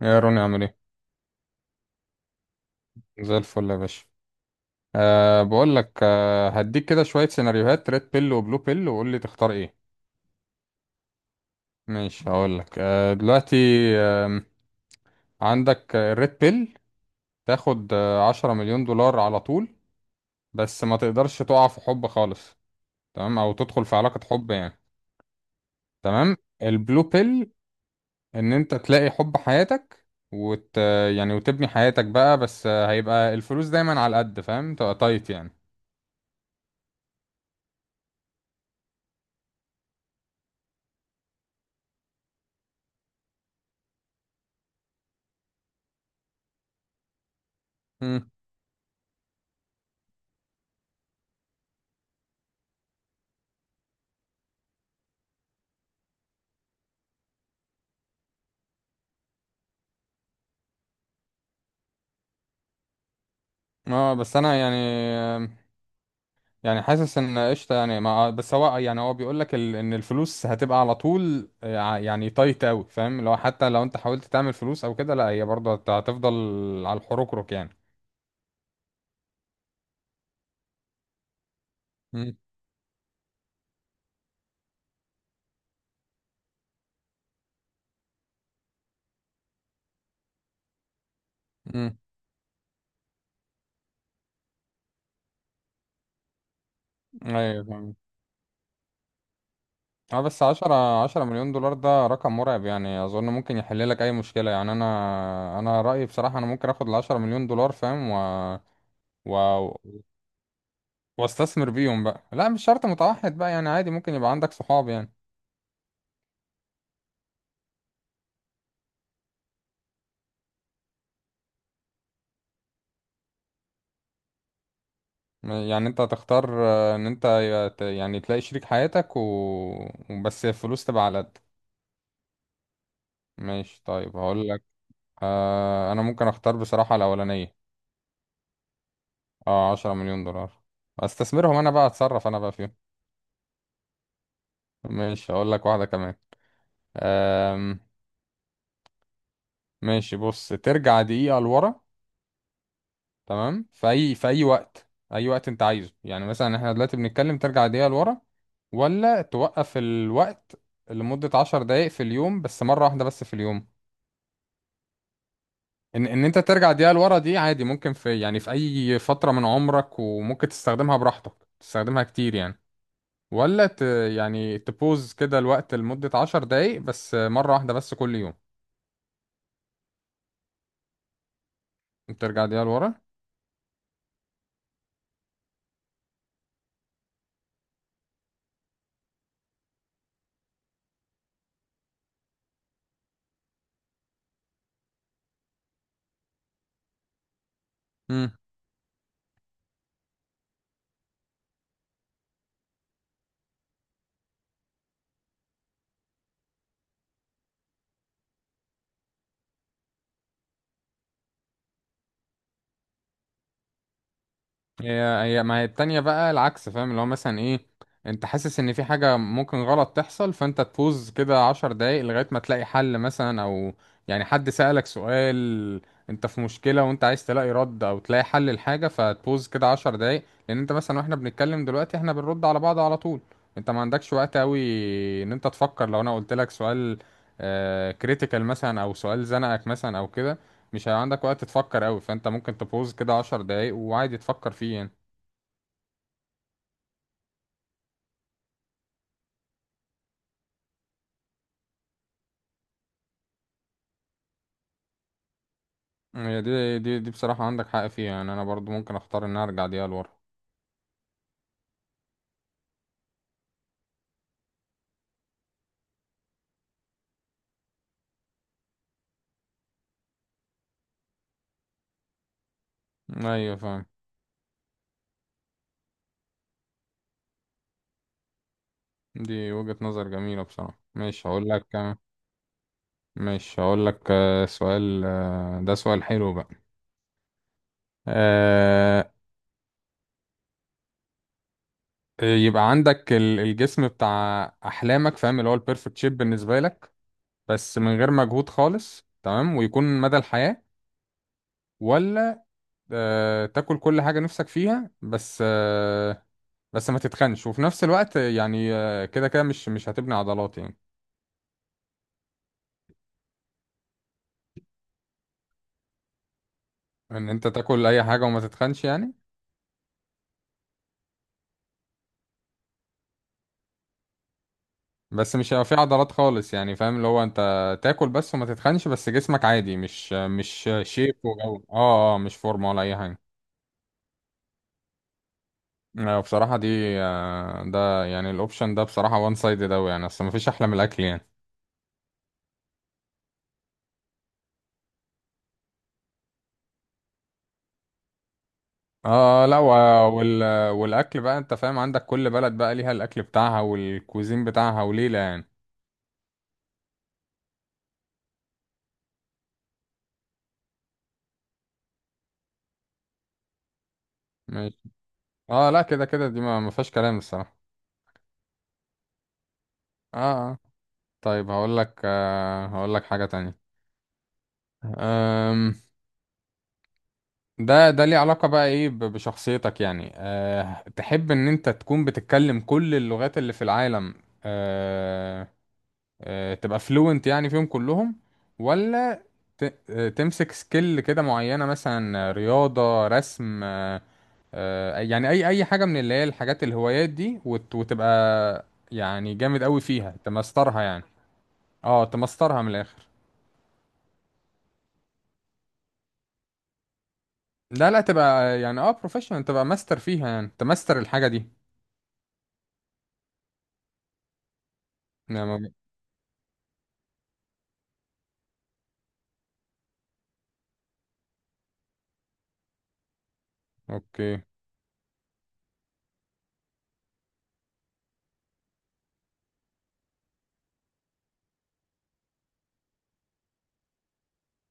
يا روني، عامل ايه؟ زي الفل يا باشا. بقول لك، هديك كده شويه سيناريوهات: ريد بيل وبلو بيل، وقول لي تختار ايه. ماشي، هقول لك دلوقتي. آم، عندك الريد بيل، تاخد 10 مليون دولار على طول، بس ما تقدرش تقع في حب خالص، تمام؟ او تدخل في علاقه حب يعني. تمام. البلو بيل، ان انت تلاقي حب حياتك، وت يعني وتبني حياتك بقى، بس هيبقى الفلوس دايما على قد فاهم، تبقى تايت يعني. مم. اه، بس انا يعني، يعني حاسس ان قشطه، يعني ما بس هو يعني هو بيقول لك ان الفلوس هتبقى على طول، يعني تايت قوي فاهم. لو حتى لو انت حاولت تعمل فلوس او كده، لا، هي برضه هتفضل على الحروكروك يعني. مم. مم. ايوه فاهم. اه، بس عشرة مليون دولار ده رقم مرعب يعني، اظن ممكن يحل لك اي مشكله يعني. انا رايي بصراحه انا ممكن اخد ال10 مليون دولار فاهم، و... واستثمر بيهم بقى. لا، مش شرط متوحد بقى يعني، عادي ممكن يبقى عندك صحاب يعني. يعني انت هتختار ان انت يعني تلاقي شريك حياتك وبس الفلوس تبقى على قد. ماشي، طيب هقول لك. انا ممكن اختار بصراحة الاولانية. اه، 10 مليون دولار، استثمرهم انا بقى، اتصرف انا بقى فيهم. ماشي، هقول لك واحدة كمان. آم... ماشي، بص: ترجع دقيقة لورا، تمام، في اي وقت، اي وقت انت عايزه يعني. مثلا احنا دلوقتي بنتكلم، ترجع دقيقة لورا، ولا توقف الوقت لمدة 10 دقايق في اليوم، بس مرة واحدة بس في اليوم. ان انت ترجع دقيقة لورا دي عادي ممكن في، يعني في اي فترة من عمرك، وممكن تستخدمها براحتك، تستخدمها كتير يعني. ولا ت يعني تبوز كده الوقت لمدة عشر دقايق، بس مرة واحدة بس كل يوم. ترجع دقيقة لورا. هي ما هي التانية بقى العكس فاهم، اللي هو مثلا ايه؟ انت حاسس ان في حاجة ممكن غلط تحصل، فانت تفوز كده 10 دقايق لغاية ما تلاقي حل مثلا. او يعني حد سألك سؤال، انت في مشكلة وانت عايز تلاقي رد او تلاقي حل الحاجة، فتبوظ كده 10 دقايق. لان انت مثلا، واحنا بنتكلم دلوقتي، احنا بنرد على بعض على طول، انت ما عندكش وقت قوي ان انت تفكر. لو انا قلت لك سؤال كريتيكال مثلا، او سؤال زنقك مثلا او كده، مش هيبقى عندك وقت تفكر قوي، فانت ممكن تبوظ كده 10 دقايق وعادي تفكر فيه يعني. هي دي بصراحة عندك حق فيها يعني، انا برضو ممكن اختار ان أنا ارجع دقيقة لورا. ايوه فاهم. دي وجهة نظر جميلة بصراحة. ماشي، هقول لك كمان. ماشي، هقول لك سؤال، ده سؤال حلو بقى. آه، يبقى عندك الجسم بتاع احلامك، فاهم، اللي هو البيرفكت شيب بالنسبة لك، بس من غير مجهود خالص تمام، ويكون مدى الحياة. ولا تاكل كل حاجة نفسك فيها، بس بس ما تتخنش، وفي نفس الوقت يعني كده كده مش هتبني عضلات يعني. ان انت تاكل اي حاجة وما تتخنش يعني. بس مش هيبقى في عضلات خالص يعني فاهم، اللي هو انت تاكل بس وما تتخنش، بس جسمك عادي مش شيب وجو، مش فورمة ولا اي حاجة. بصراحة دي ده يعني الاوبشن ده بصراحة وان سايدد اوي يعني، اصل مفيش احلى من الاكل يعني. اه، لا والاكل بقى انت فاهم، عندك كل بلد بقى ليها الاكل بتاعها والكوزين بتاعها وليلة يعني. ماشي. اه، لا، كده كده دي ما فيهاش كلام الصراحة. اه. اه. طيب هقول لك هقول لك حاجة تانية. أم... ده ليه علاقة بقى ايه بشخصيتك يعني؟ تحب ان انت تكون بتتكلم كل اللغات اللي في العالم، أه... تبقى فلوينت يعني فيهم كلهم؟ ولا ت... تمسك سكيل كده معينة، مثلا رياضة، رسم، يعني اي حاجه من اللي هي الحاجات الهوايات دي، وتبقى يعني جامد قوي فيها، تمسترها يعني. اه، تمسترها من الاخر. لا لا، تبقى يعني بروفيشنال، تبقى ماستر فيها، يعني تمستر الحاجه دي. نعم. اوكي.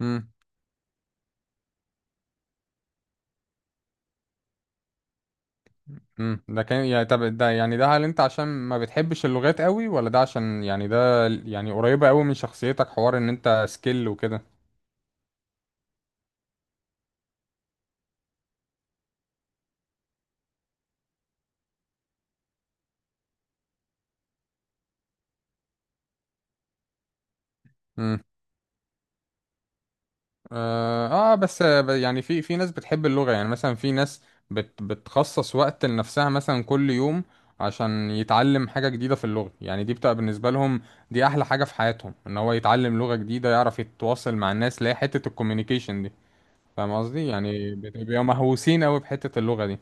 امم. امم، ده كان يعني، طب ده يعني، ده هل انت عشان ما بتحبش اللغات قوي؟ ولا ده عشان، يعني ده يعني قريبه قوي من شخصيتك، حوار ان انت سكيل وكده؟ اه، بس يعني في ناس بتحب اللغة، يعني مثلا في ناس بتخصص وقت لنفسها مثلا كل يوم، عشان يتعلم حاجة جديدة في اللغة. يعني دي بتبقى بالنسبة لهم دي أحلى حاجة في حياتهم، إن هو يتعلم لغة جديدة، يعرف يتواصل مع الناس، اللي هي حتة الكوميونيكيشن دي، فاهم قصدي؟ يعني بيبقوا مهووسين أوي بحتة اللغة دي.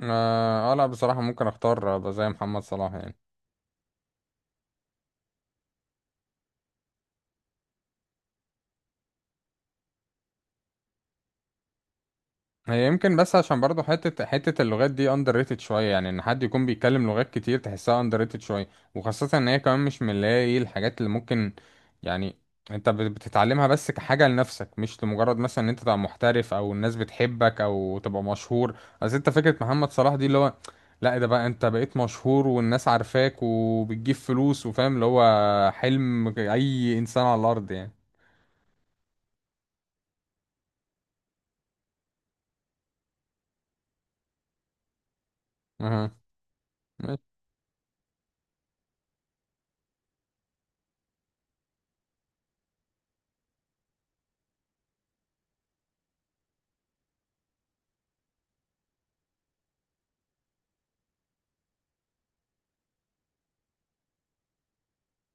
اه، لا بصراحة ممكن أختار أبقى زي محمد صلاح يعني. هي يمكن، بس عشان برضه حتة اللغات دي اندر ريتد شوية يعني، ان حد يكون بيتكلم لغات كتير تحسها اندر ريتد شوية. وخاصة ان هي كمان مش من اللي هي ايه الحاجات اللي ممكن يعني انت بتتعلمها بس كحاجة لنفسك، مش لمجرد مثلا ان انت تبقى محترف او الناس بتحبك او تبقى مشهور. اصل انت فكرة محمد صلاح دي اللي هو، لا، ده بقى انت بقيت مشهور والناس عارفاك وبتجيب فلوس وفاهم، اللي هو حلم اي انسان على الارض يعني. اها.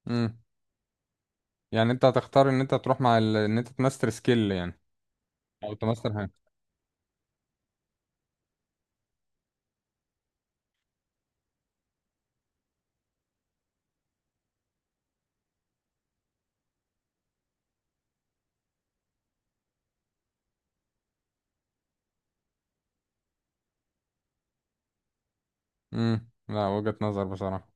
ماشي. يعني انت هتختار ان انت تروح مع ان انت تماستر سكيل يعني، او تماستر حاجه. امم. لا، وجهة نظر بصراحه.